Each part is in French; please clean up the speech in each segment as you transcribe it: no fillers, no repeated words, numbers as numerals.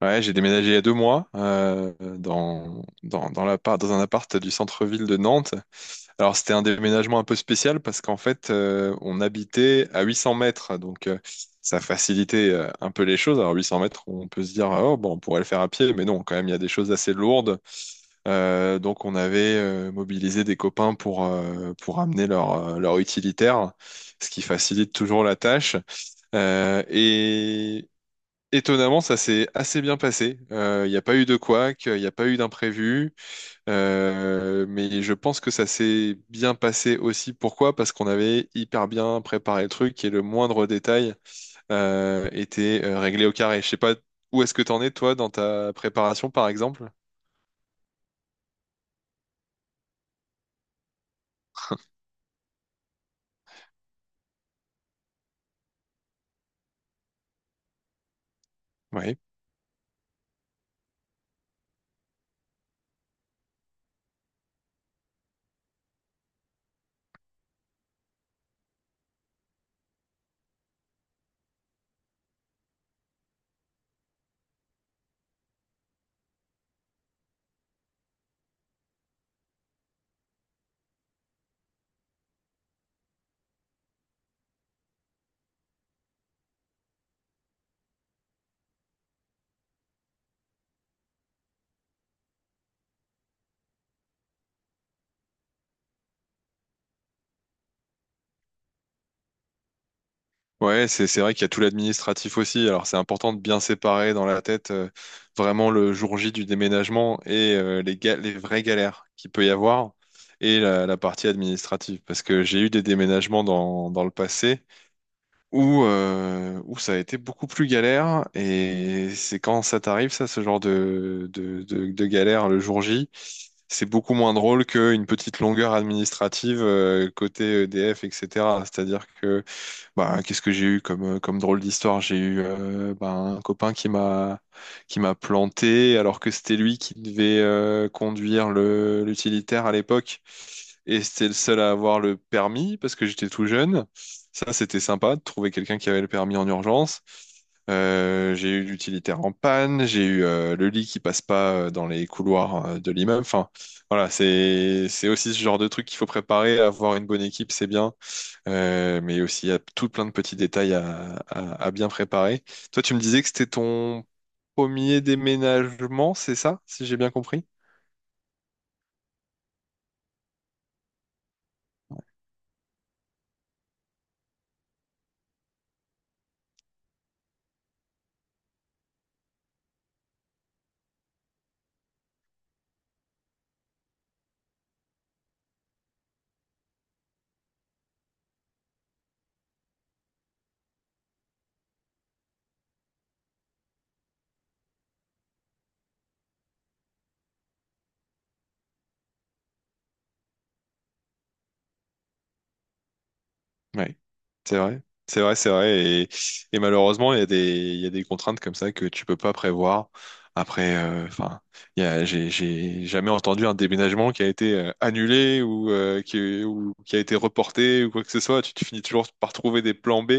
Ouais, j'ai déménagé il y a deux mois, dans un appart du centre-ville de Nantes. Alors c'était un déménagement un peu spécial parce qu'en fait, on habitait à 800 mètres, donc ça facilitait, un peu les choses. Alors 800 mètres, on peut se dire oh bon, on pourrait le faire à pied, mais non, quand même il y a des choses assez lourdes. Donc on avait mobilisé des copains pour amener leur leur utilitaire, ce qui facilite toujours la tâche. Euh, et Étonnamment, ça s'est assez bien passé. Il n'y a pas eu de couac, il n'y a pas eu d'imprévu. Mais je pense que ça s'est bien passé aussi. Pourquoi? Parce qu'on avait hyper bien préparé le truc, et le moindre détail était réglé au carré. Je sais pas où est-ce que tu en es, toi, dans ta préparation, par exemple. Oui. Ouais, c'est vrai qu'il y a tout l'administratif aussi. Alors c'est important de bien séparer dans la tête, vraiment, le jour J du déménagement, et les vraies galères qu'il peut y avoir, et la partie administrative. Parce que j'ai eu des déménagements dans le passé où où ça a été beaucoup plus galère. Et c'est quand ça t'arrive, ça, ce genre de galère le jour J. C'est beaucoup moins drôle qu'une petite longueur administrative, côté EDF, etc. C'est-à-dire que, bah, qu'est-ce que j'ai eu comme, comme drôle d'histoire? J'ai eu, bah, un copain qui m'a planté alors que c'était lui qui devait conduire le l'utilitaire à l'époque, et c'était le seul à avoir le permis parce que j'étais tout jeune. Ça, c'était sympa de trouver quelqu'un qui avait le permis en urgence. J'ai eu l'utilitaire en panne, j'ai eu le lit qui passe pas dans les couloirs de l'immeuble. Enfin, voilà, c'est aussi ce genre de truc qu'il faut préparer. Avoir une bonne équipe, c'est bien. Mais aussi, il y a tout plein de petits détails à, à bien préparer. Toi, tu me disais que c'était ton premier déménagement, c'est ça, si j'ai bien compris? Oui, c'est vrai. C'est vrai, c'est vrai. Et malheureusement, il y a des, il y a des contraintes comme ça que tu peux pas prévoir. Après, enfin, j'ai jamais entendu un déménagement qui a été annulé, ou, ou qui a été reporté, ou quoi que ce soit. Tu finis toujours par trouver des plans B.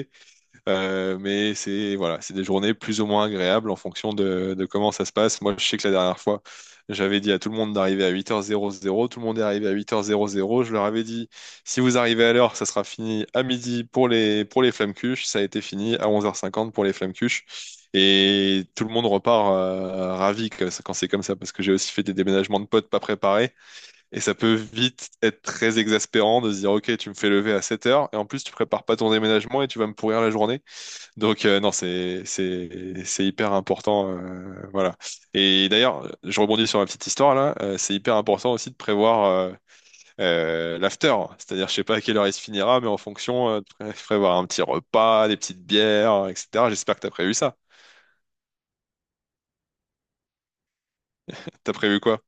Mais c'est, voilà, c'est des journées plus ou moins agréables en fonction de comment ça se passe. Moi, je sais que la dernière fois, j'avais dit à tout le monde d'arriver à 8h00, tout le monde est arrivé à 8h00. Je leur avais dit, si vous arrivez à l'heure, ça sera fini à midi pour les flammes-cuches. Ça a été fini à 11h50 pour les flammes-cuches, et tout le monde repart ravi quand c'est comme ça, parce que j'ai aussi fait des déménagements de potes pas préparés, et ça peut vite être très exaspérant de se dire, ok, tu me fais lever à 7h, et en plus tu prépares pas ton déménagement et tu vas me pourrir la journée. Donc, non, c'est hyper important, voilà. Et d'ailleurs, je rebondis sur ma petite histoire là. C'est hyper important aussi de prévoir, l'after, c'est-à-dire, je sais pas à quelle heure il se finira, mais en fonction, prévoir un petit repas, des petites bières, etc. J'espère que t'as prévu ça. T'as prévu quoi?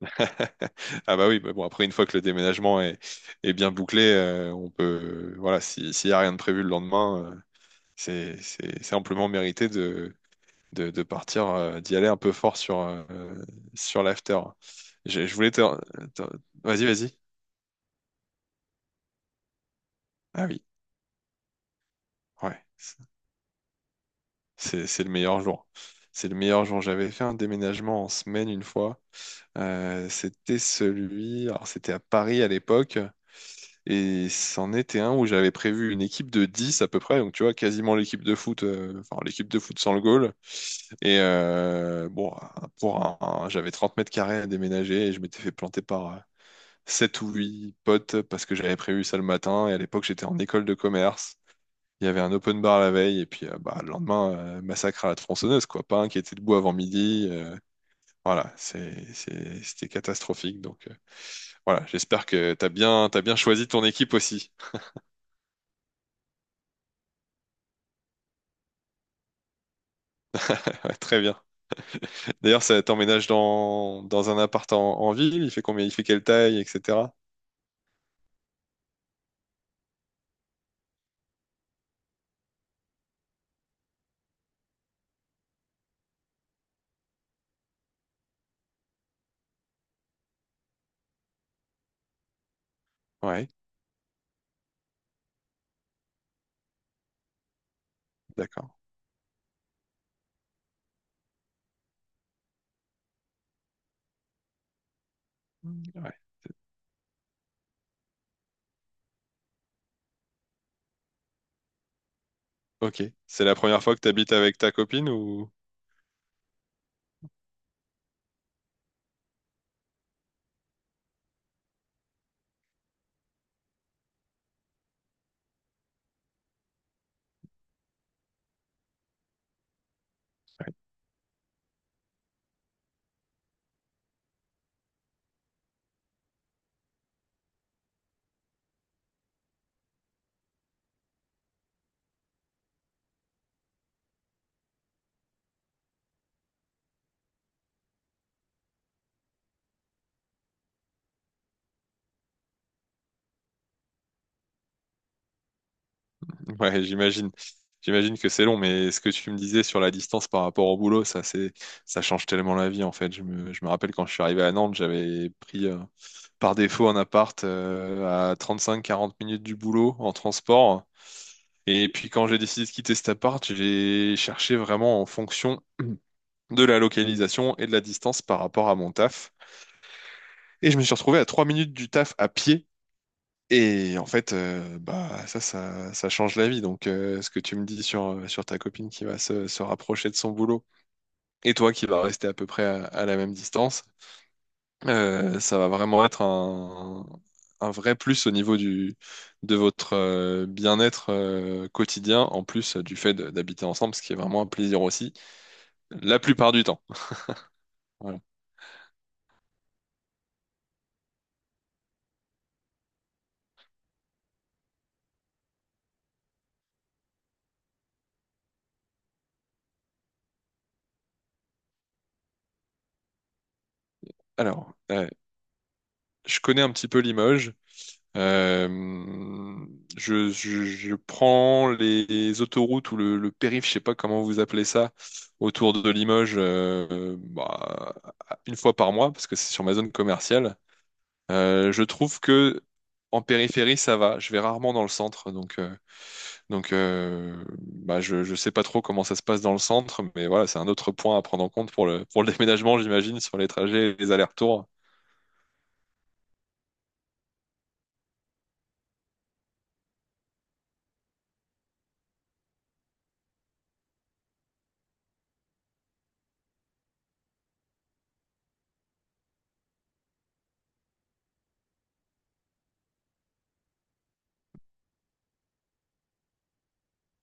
Ah bah oui, bah bon, après, une fois que le déménagement est bien bouclé, on peut, voilà, si s'il y a rien de prévu le lendemain, c'est c'est amplement mérité de partir, d'y aller un peu fort sur, sur l'after. Je voulais te... te- Vas-y, vas-y. Ah oui, ouais. C'est le meilleur jour. C'est le meilleur jour. J'avais fait un déménagement en semaine une fois. C'était celui... Alors, c'était à Paris à l'époque. Et c'en était un où j'avais prévu une équipe de 10 à peu près. Donc, tu vois, quasiment l'équipe de foot, enfin, l'équipe de foot sans le goal. Et, bon, pour j'avais 30 mètres carrés à déménager, et je m'étais fait planter par, sept ou 8 potes, parce que j'avais prévu ça le matin. Et à l'époque, j'étais en école de commerce. Il y avait un open bar la veille. Et puis, bah, le lendemain, massacre à la tronçonneuse, quoi. Pas un qui était debout avant midi. Voilà, c'est, c'était catastrophique. Donc, voilà, j'espère que t'as bien choisi ton équipe aussi. Très bien. D'ailleurs, ça, t'emménage dans, dans un appart en, en ville, il fait combien, il fait quelle taille, etc. Ouais, d'accord. Mm. Ouais. Ok. C'est la première fois que tu habites avec ta copine, ou... Ouais, j'imagine. J'imagine que c'est long, mais ce que tu me disais sur la distance par rapport au boulot, ça, c'est, ça change tellement la vie, en fait. Je me rappelle, quand je suis arrivé à Nantes, j'avais pris par défaut un appart à 35 à 40 minutes du boulot en transport. Et puis, quand j'ai décidé de quitter cet appart, j'ai cherché vraiment en fonction de la localisation et de la distance par rapport à mon taf. Et je me suis retrouvé à 3 minutes du taf à pied, et en fait, bah, ça, ça change la vie. Donc, ce que tu me dis sur, sur ta copine qui va se rapprocher de son boulot, et toi qui vas rester à peu près à la même distance, ça va vraiment être un vrai plus au niveau du, de votre bien-être quotidien, en plus, du fait d'habiter ensemble, ce qui est vraiment un plaisir aussi, la plupart du temps. Voilà. Alors, je connais un petit peu Limoges. Euh, je prends les autoroutes ou le périph', je sais pas comment vous appelez ça, autour de Limoges, bah, une fois par mois, parce que c'est sur ma zone commerciale. Je trouve que en périphérie, ça va. Je vais rarement dans le centre, donc, bah, je sais pas trop comment ça se passe dans le centre, mais voilà, c'est un autre point à prendre en compte pour le déménagement, j'imagine, sur les trajets et les allers-retours.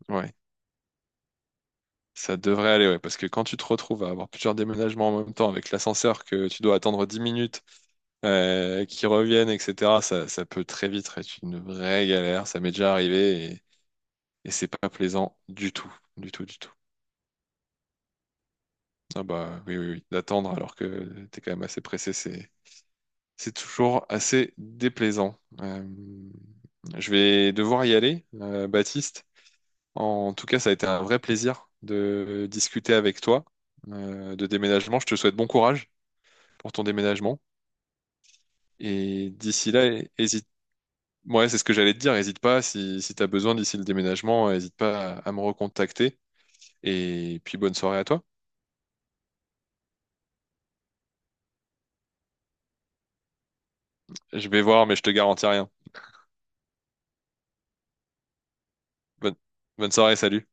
Ouais, ça devrait aller, ouais, parce que quand tu te retrouves à avoir plusieurs déménagements en même temps, avec l'ascenseur que tu dois attendre 10 minutes, qu'ils reviennent, etc., ça, ça peut très vite être une vraie galère. Ça m'est déjà arrivé, et c'est pas plaisant du tout, du tout, du tout. Ah bah oui, oui, oui, d'attendre alors que t'es quand même assez pressé, c'est toujours assez déplaisant. Je vais devoir y aller, Baptiste. En tout cas, ça a été un vrai plaisir de discuter avec toi de déménagement. Je te souhaite bon courage pour ton déménagement. Et d'ici là, hésite. Ouais, c'est ce que j'allais te dire. Hésite pas, si, si tu as besoin d'ici le déménagement, hésite pas à, à me recontacter. Et puis bonne soirée à toi. Je vais voir, mais je te garantis rien. Bonne, bonne soirée, salut.